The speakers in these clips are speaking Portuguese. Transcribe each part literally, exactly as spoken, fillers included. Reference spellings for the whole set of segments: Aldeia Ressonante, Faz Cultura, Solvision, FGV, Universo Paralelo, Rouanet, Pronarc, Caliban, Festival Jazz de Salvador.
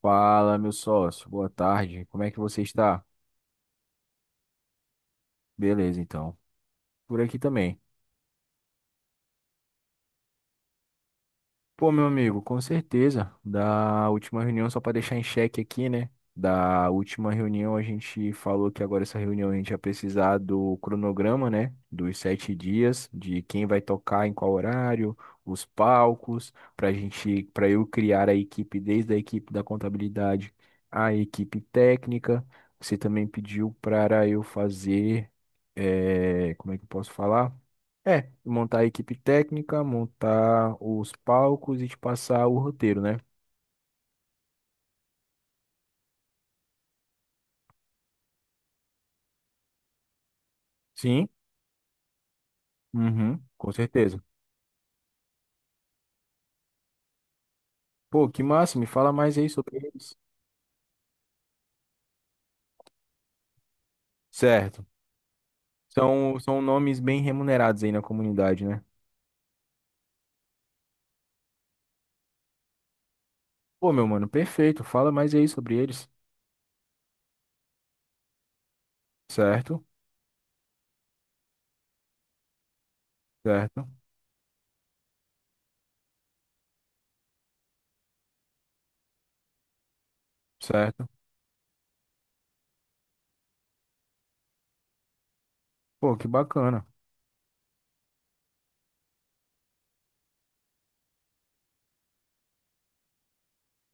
Fala, meu sócio. Boa tarde. Como é que você está? Beleza, então. Por aqui também. Pô, meu amigo, com certeza. Da última reunião, só para deixar em xeque aqui, né? Da última reunião, a gente falou que agora essa reunião a gente ia precisar do cronograma, né? Dos sete dias, de quem vai tocar em qual horário, os palcos, para gente, para eu criar a equipe, desde a equipe da contabilidade, a equipe técnica. Você também pediu para eu fazer, eh, como é que eu posso falar? É, montar a equipe técnica, montar os palcos e te passar o roteiro, né? Sim, uhum, com certeza. Pô, que massa, me fala mais aí sobre eles. Certo. São, são nomes bem remunerados aí na comunidade, né? Pô, meu mano, perfeito. Fala mais aí sobre eles. Certo, certo, certo. Pô, que bacana.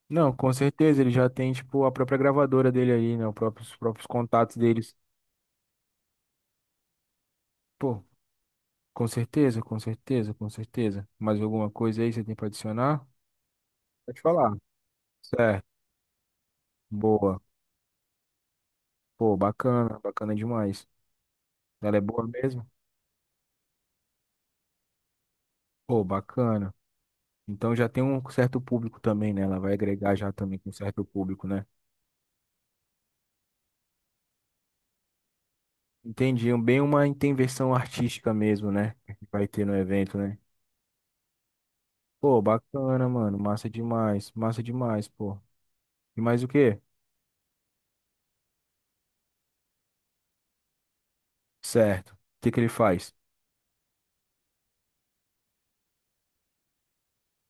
Não, com certeza, ele já tem, tipo, a própria gravadora dele aí, né? Os próprios, os próprios contatos deles. Pô, com certeza, com certeza, com certeza. Mais alguma coisa aí você tem pra adicionar? Pode falar. Certo. Boa. Pô, bacana. Bacana demais. Ela é boa mesmo? Pô, bacana. Então já tem um certo público também, né? Ela vai agregar já também com um certo público, né? Entendi. Um- Bem uma intervenção artística mesmo, né? Que vai ter no evento, né? Pô, bacana, mano. Massa demais. Massa demais, pô. E mais o quê? Certo. O que que ele faz?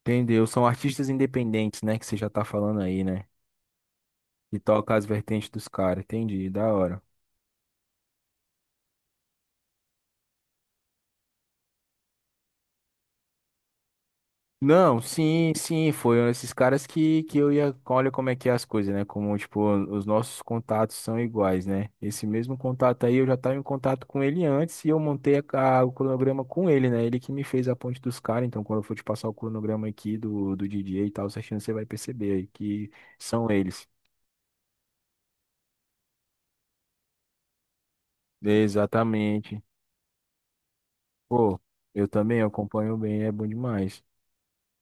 Entendeu? São artistas independentes, né? Que você já tá falando aí, né? E toca as vertentes dos caras. Entendi. Da hora. Não, sim, sim, foram esses caras que, que eu ia. Olha como é que é as coisas, né? Como, tipo, os nossos contatos são iguais, né? Esse mesmo contato aí, eu já estava em contato com ele antes e eu montei a- a- o cronograma com ele, né? Ele que me fez a ponte dos caras. Então, quando eu for te passar o cronograma aqui do, do D J e tal, certinho, você vai perceber aí que são eles. Exatamente. Pô, eu também acompanho bem, é bom demais.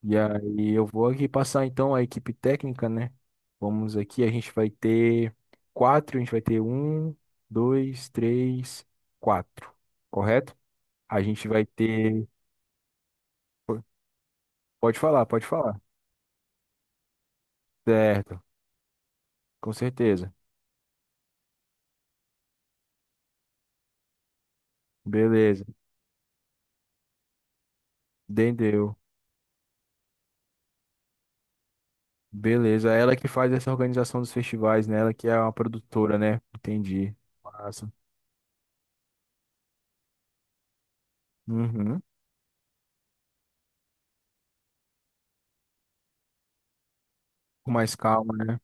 E aí eu vou aqui passar então a equipe técnica, né? Vamos aqui, a gente vai ter quatro, a gente vai ter um, dois, três, quatro, correto? A gente vai ter. po- Pode falar, pode falar. Certo, com certeza. Beleza, entendeu. Beleza, é ela que faz essa organização dos festivais, né? Ela que é uma produtora, né? Entendi. Massa. Uhum. Com mais calma, né?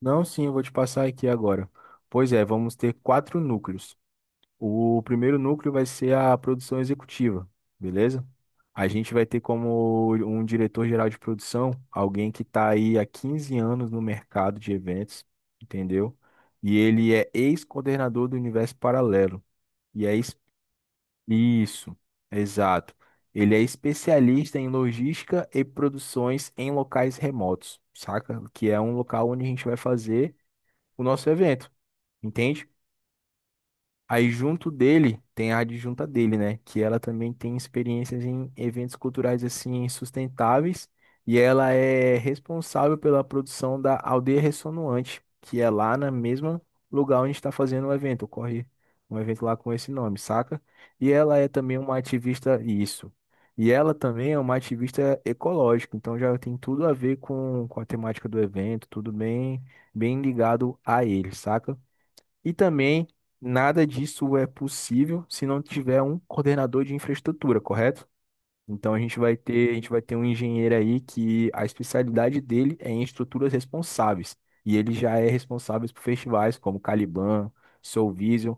Não, sim, eu vou te passar aqui agora. Pois é, vamos ter quatro núcleos. O primeiro núcleo vai ser a produção executiva, beleza? A gente vai ter como um diretor-geral de produção alguém que está aí há quinze anos no mercado de eventos, entendeu? E ele é ex-coordenador do Universo Paralelo. E é es- isso, exato. Ele é especialista em logística e produções em locais remotos, saca? Que é um local onde a gente vai fazer o nosso evento, entende? Aí junto dele tem a adjunta dele, né? Que ela também tem experiências em eventos culturais assim sustentáveis e ela é responsável pela produção da Aldeia Ressonante, que é lá no mesmo lugar onde está fazendo o evento. Ocorre um evento lá com esse nome, saca? E ela é também uma ativista isso. E ela também é uma ativista ecológica, então já tem tudo a ver com, com a temática do evento, tudo bem, bem ligado a ele, saca? E também, nada disso é possível se não tiver um coordenador de infraestrutura, correto? Então a gente vai ter, a gente vai ter um engenheiro aí que a especialidade dele é em estruturas responsáveis. E ele já é responsável por festivais como Caliban, Solvision.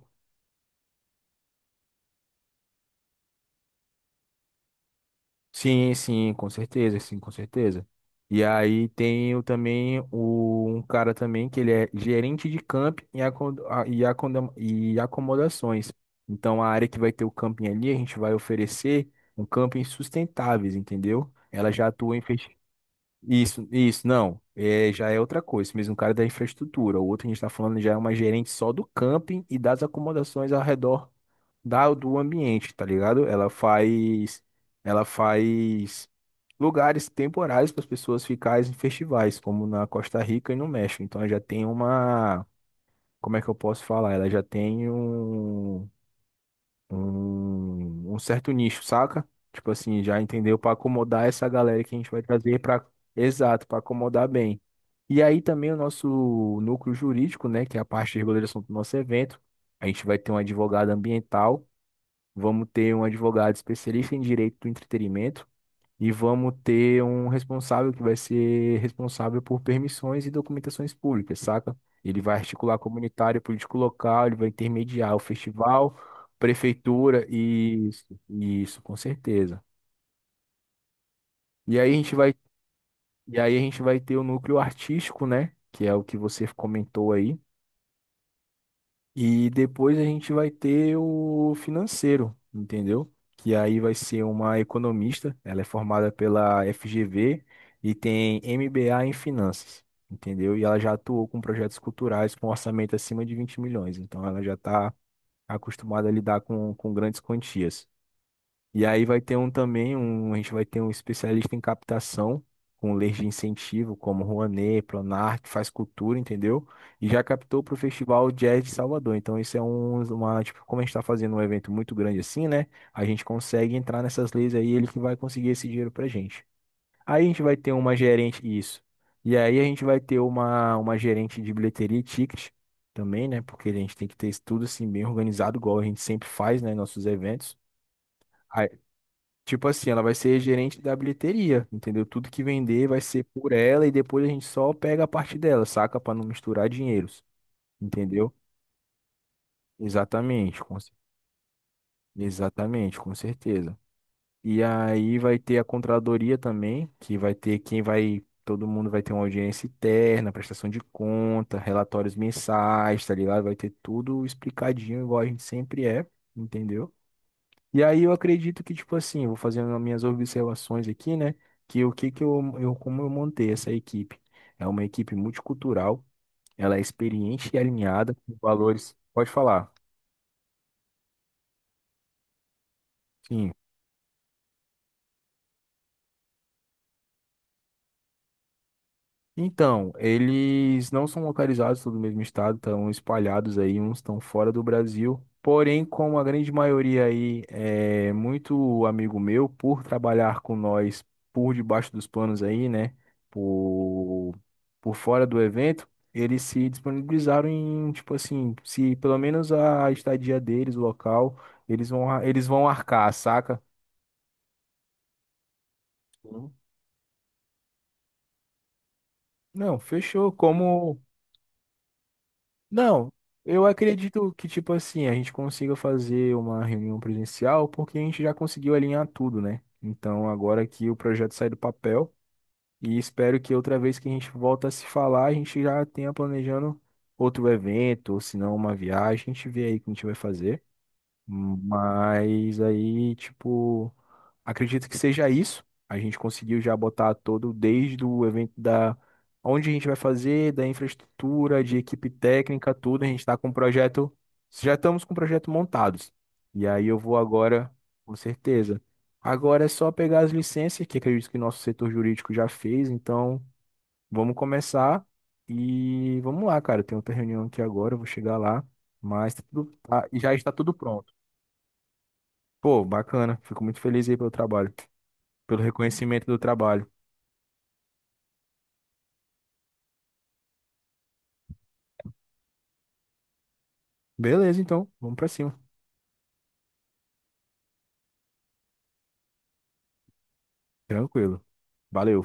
Sim, sim, com certeza, sim, com certeza. E aí tem o, também o, um cara também que ele é gerente de camping e, acom- a- e, acondam- e acomodações. Então a área que vai ter o camping ali, a gente vai oferecer um camping sustentáveis, entendeu? Ela já atua em isso, isso, não. É, já é outra coisa. Esse mesmo o cara é da infraestrutura. O outro que a gente está falando já é uma gerente só do camping e das acomodações ao redor da, do ambiente, tá ligado? Ela faz, ela faz lugares temporários para as pessoas ficarem em festivais, como na Costa Rica e no México. Então ela já tem uma, como é que eu posso falar? Ela já tem um um, um certo nicho, saca? Tipo assim, já entendeu? Para acomodar essa galera que a gente vai trazer para. Exato, para acomodar bem. E aí também o nosso núcleo jurídico, né, que é a parte de regulação do nosso evento. A gente vai ter um advogado ambiental, vamos ter um advogado especialista em direito do entretenimento e vamos ter um responsável que vai ser responsável por permissões e documentações públicas, saca? Ele vai articular comunitário, político local, ele vai intermediar o festival, prefeitura, e isso, isso, com certeza. E aí a gente vai, e aí a gente vai ter o núcleo artístico, né? Que é o que você comentou aí. E depois a gente vai ter o financeiro, entendeu? Que aí vai ser uma economista, ela é formada pela F G V e tem M B A em finanças, entendeu? E ela já atuou com projetos culturais com orçamento acima de vinte milhões, então ela já está acostumada a lidar com, com grandes quantias. E aí vai ter um também, um, a gente vai ter um especialista em captação, com leis de incentivo, como Rouanet, Pronarc, Faz Cultura, entendeu? E já captou para o Festival Jazz de Salvador. Então, isso é um, uma, tipo, como a gente está fazendo um evento muito grande assim, né? A gente consegue entrar nessas leis aí, ele que vai conseguir esse dinheiro pra gente. Aí a gente vai ter uma gerente, isso. E aí a gente vai ter uma, uma gerente de bilheteria e ticket também, né? Porque a gente tem que ter isso tudo assim, bem organizado, igual a gente sempre faz, né? Em nossos eventos. Tipo assim, ela vai ser gerente da bilheteria, entendeu? Tudo que vender vai ser por ela e depois a gente só pega a parte dela, saca? Pra não misturar dinheiros, entendeu? Exatamente, com, cer- exatamente, com certeza. E aí vai ter a contradoria também, que vai ter quem vai, todo mundo vai ter uma audiência interna, prestação de conta, relatórios mensais, tá ligado? Vai ter tudo explicadinho, igual a gente sempre é, entendeu? E aí eu acredito que, tipo assim, eu vou fazendo as minhas observações aqui, né? Que o que que eu, eu como eu montei essa equipe? É uma equipe multicultural, ela é experiente e alinhada com valores. Pode falar. Sim. Então, eles não são localizados todos no mesmo estado, estão espalhados aí, uns estão fora do Brasil. Porém, como a grande maioria aí é muito amigo meu, por trabalhar com nós por debaixo dos panos aí, né? Por, por fora do evento, eles se disponibilizaram em, tipo assim, se pelo menos a estadia deles, o local, eles vão, ar- eles vão arcar, saca? Sim. Não, fechou. Como. Não, eu acredito que, tipo assim, a gente consiga fazer uma reunião presencial porque a gente já conseguiu alinhar tudo, né? Então, agora que o projeto sai do papel e espero que outra vez que a gente volta a se falar, a gente já tenha planejando outro evento, ou se não, uma viagem. A gente vê aí o que a gente vai fazer. Mas aí, tipo, acredito que seja isso. A gente conseguiu já botar todo, desde o evento da onde a gente vai fazer, da infraestrutura, de equipe técnica, tudo. A gente está com o projeto, já estamos com o projeto montados. E aí eu vou agora, com certeza. Agora é só pegar as licenças, que acredito que o nosso setor jurídico já fez. Então, vamos começar e vamos lá, cara. Tem outra reunião aqui agora, eu vou chegar lá. Mas tá tudo, tá- já está tudo pronto. Pô, bacana. Fico muito feliz aí pelo trabalho, pelo reconhecimento do trabalho. Beleza, então, vamos pra cima. Tranquilo. Valeu.